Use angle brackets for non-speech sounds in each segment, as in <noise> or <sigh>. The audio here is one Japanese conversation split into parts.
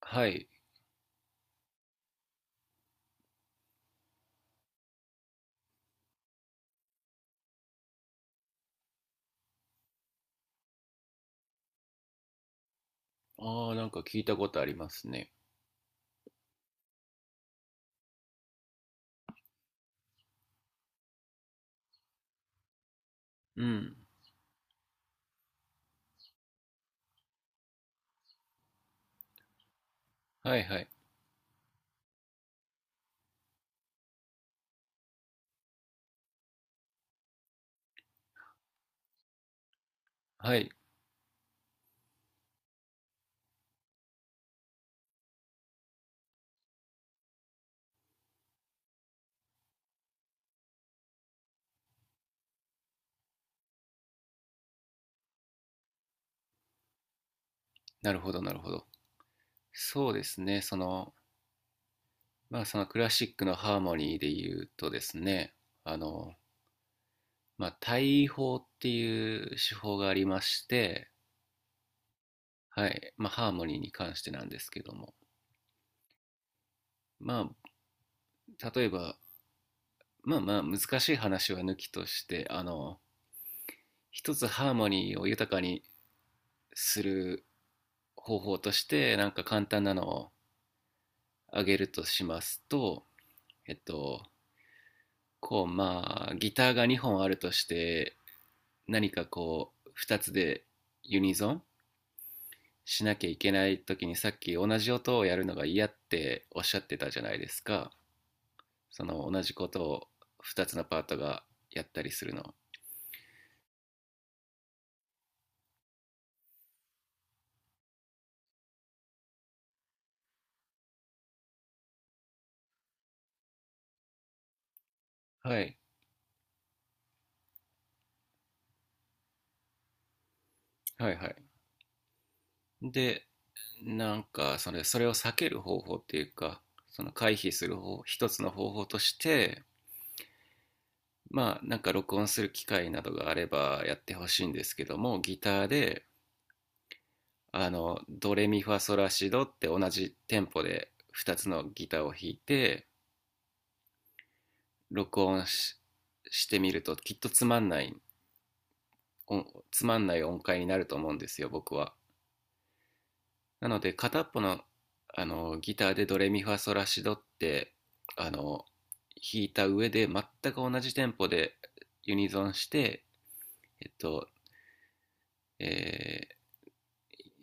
はい。ああ、なんか聞いたことありますね。うん。はいはい。はい。なるほど、なるほど。そうですね。まあ、そのクラシックのハーモニーで言うとですね、あの、まあ、対位法っていう手法がありまして、はい。まあ、ハーモニーに関してなんですけども。まあ、例えば、まあまあ、難しい話は抜きとして、一つハーモニーを豊かにする方法として、なんか簡単なのを挙げるとしますと、えっと、こう、まあ、ギターが2本あるとして、何かこう、2つでユニゾンしなきゃいけない時にさっき同じ音をやるのが嫌っておっしゃってたじゃないですか。その同じことを2つのパートがやったりするの。はい。はいはい。で、なんかそれを避ける方法っていうか、その回避する方、一つの方法として、まあなんか録音する機会などがあればやってほしいんですけども、ギターでドレミファソラシドって同じテンポで2つのギターを弾いて録音ししてみると、きっとつまんない音階になると思うんですよ、僕は。なので片っぽのギターでドレミファソラシドってあの弾いた上で、全く同じテンポでユニゾンして、えっとえ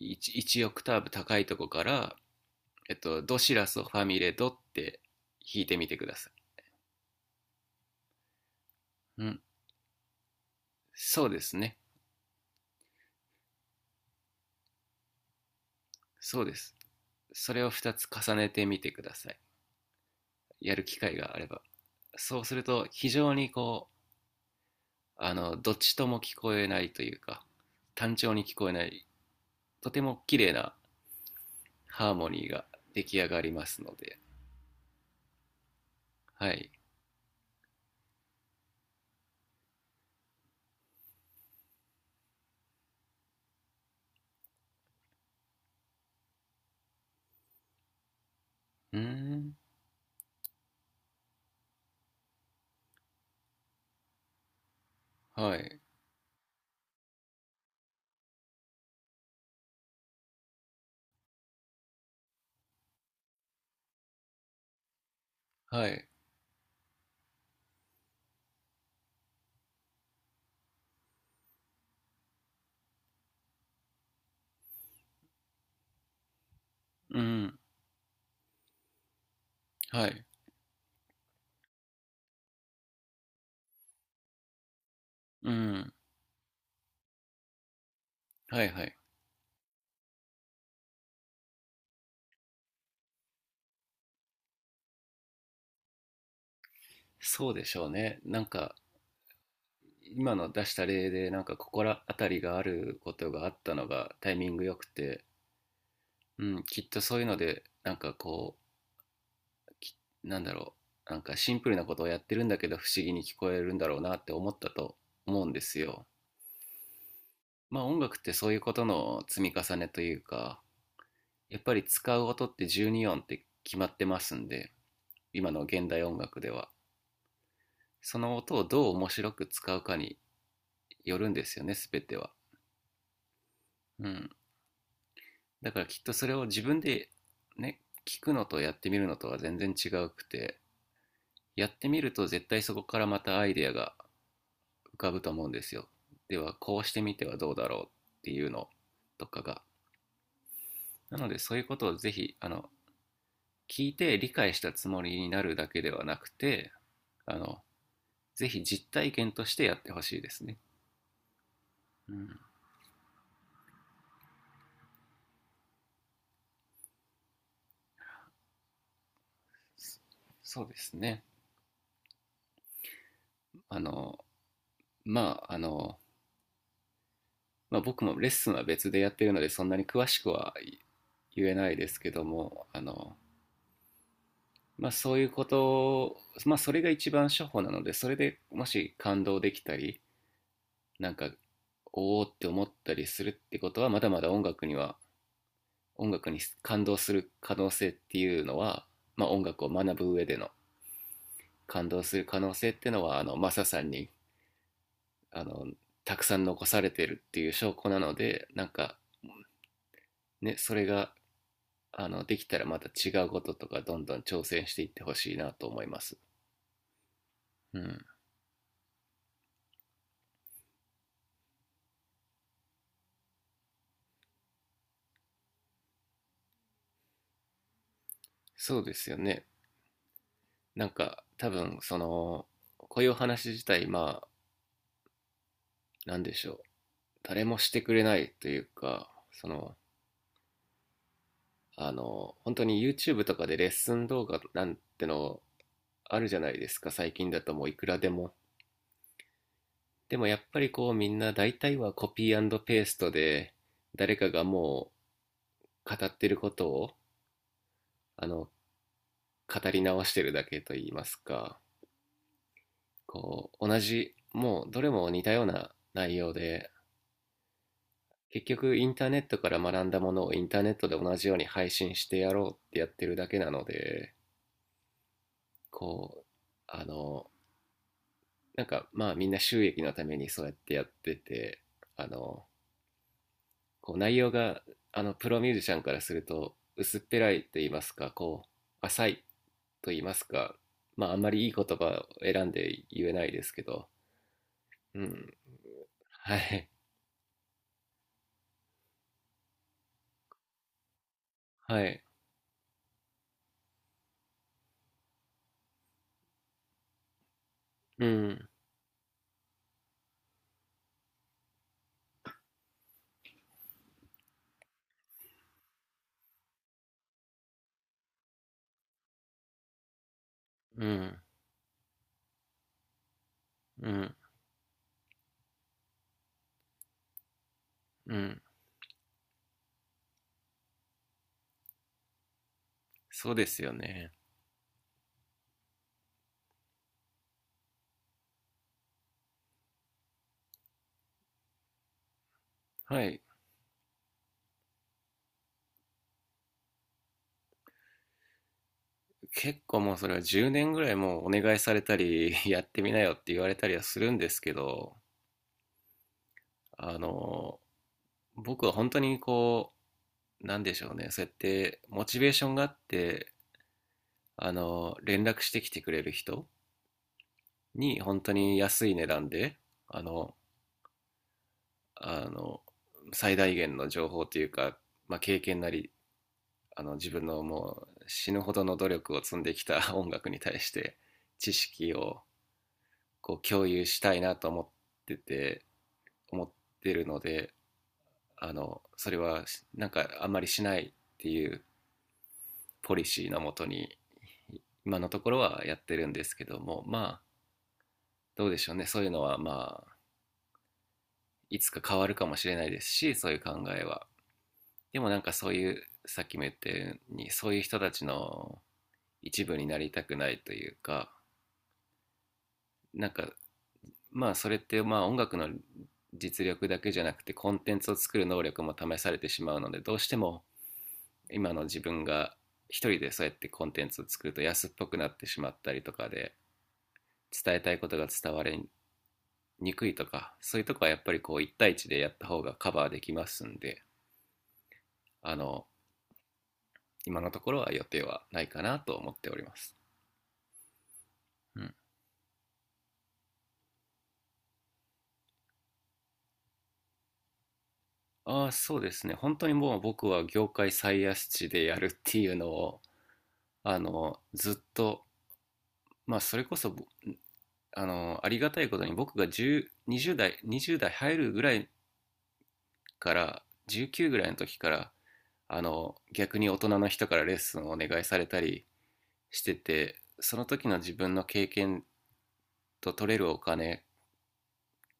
1, オクターブ高いとこから、ドシラソファミレドって弾いてみてください。うん、そうですね。そうです。それを2つ重ねてみてください。やる機会があれば。そうすると、非常にどっちとも聞こえないというか、単調に聞こえない、とても綺麗なハーモニーが出来上がりますので、はい。うーん、はい、はい、うん、はい、うん、はい、はい。そうでしょうね。なんか、今の出した例で、なんかここら辺りがあることがあったのがタイミングよくて、うん、きっとそういうので、なんかこう、きなんだろう、なんかシンプルなことをやってるんだけど不思議に聞こえるんだろうなって思ったと思うんですよ。まあ音楽ってそういうことの積み重ねというか、やっぱり使う音って12音って決まってますんで、今の現代音楽では。その音をどう面白く使うかによるんですよね、すべては。うん。だからきっとそれを自分でね、聞くのとやってみるのとは全然違うくて、やってみると絶対そこからまたアイデアが浮かぶと思うんですよ。ではこうしてみてはどうだろうっていうのとかが。なのでそういうことをぜひ、聞いて理解したつもりになるだけではなくて、あのぜひ実体験としてやってほしいですね。うん、そうですね。あのまああの、まあ、僕もレッスンは別でやってるのでそんなに詳しくは言えないですけども、まあ、そういうことを、まあ、それが一番処方なので、それでもし感動できたりなんかおおって思ったりするってことは、まだまだ音楽に感動する可能性っていうのは、まあ、音楽を学ぶ上での感動する可能性っていうのはマサさんにあのたくさん残されてるっていう証拠なので、なんかね、それができたらまた違うこととかどんどん挑戦していってほしいなと思います。うん、そうですよね。なんか多分、こういうお話自体、まあ何でしょう、誰もしてくれないというか、本当に YouTube とかでレッスン動画なんてのあるじゃないですか、最近だともういくらでも。でもやっぱりみんな大体はコピーペーストで、誰かがもう語ってることをあの語り直してるだけと言いますか、こう同じ、もうどれも似たような内容で、結局インターネットから学んだものをインターネットで同じように配信してやろうってやってるだけなので、こうあのなんか、まあみんな収益のためにそうやってやってて、あの内容が、プロミュージシャンからすると薄っぺらいと言いますか、浅いと言いますか、まああんまりいい言葉を選んで言えないですけど。うん、はいはい、うんうんうんうん、そうですよね。はい。結構もうそれは10年ぐらいもうお願いされたり <laughs> やってみなよって言われたりはするんですけど、あの僕は本当にこう、なんでしょうね、そうやってモチベーションがあって、連絡してきてくれる人に本当に安い値段で、あの、あの、最大限の情報というか、まあ、経験なり、自分のもう死ぬほどの努力を積んできた <laughs> 音楽に対して知識を共有したいなとてて、思ってるので、それはなんかあんまりしないっていうポリシーのもとに、今のところはやってるんですけども、まあどうでしょうね、そういうのはまあいつか変わるかもしれないですし、そういう考えは。でもなんか、そういうさっきも言ったようにそういう人たちの一部になりたくないというか、なんかまあそれって、まあ音楽の実力だけじゃなくてコンテンツを作る能力も試されてしまうので、どうしても今の自分が一人でそうやってコンテンツを作ると安っぽくなってしまったりとかで、伝えたいことが伝われ憎いとかそういうとこはやっぱり1対一でやった方がカバーできますんで、あの今のところは予定はないかなと思っております。うん、ああそうですね、本当にもう僕は業界最安値でやるっていうのをずっと、まあそれこそありがたいことに、僕が10 20代20代入るぐらいから、19ぐらいの時から逆に大人の人からレッスンをお願いされたりしてて、その時の自分の経験と取れるお金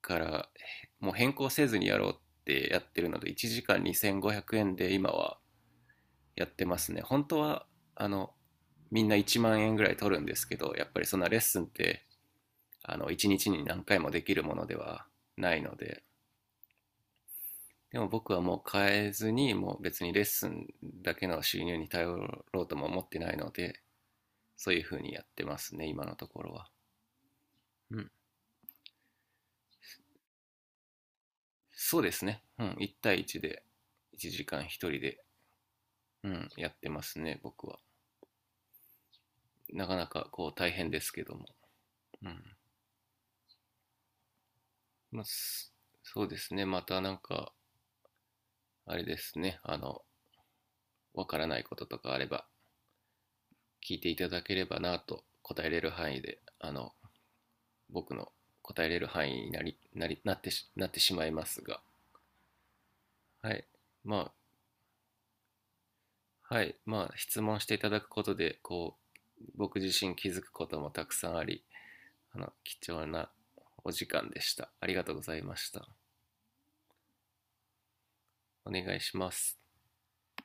からもう変更せずにやろうってやってるので、1時間2500円で今はやってますね。本当はあのみんな1万円ぐらい取るんですけど、やっぱりそんなレッスンって1日にちに何回もできるものではないので。でも僕はもう変えずに、もう別にレッスンだけの収入に頼ろうとも思ってないので、そういうふうにやってますね今のところは。うん、そうですね、うん、1対1で1時間1人で、うん、やってますね、僕は。なかなかこう大変ですけども。うん。まあ、そうですね、またなんか、あれですね、わからないこととかあれば、聞いていただければなと、答えれる範囲で、僕の答えれる範囲になってしまいますが、はい。まあ、はい。まあ、質問していただくことで、僕自身気づくこともたくさんあり、貴重なお時間でした。ありがとうございました。お願いします。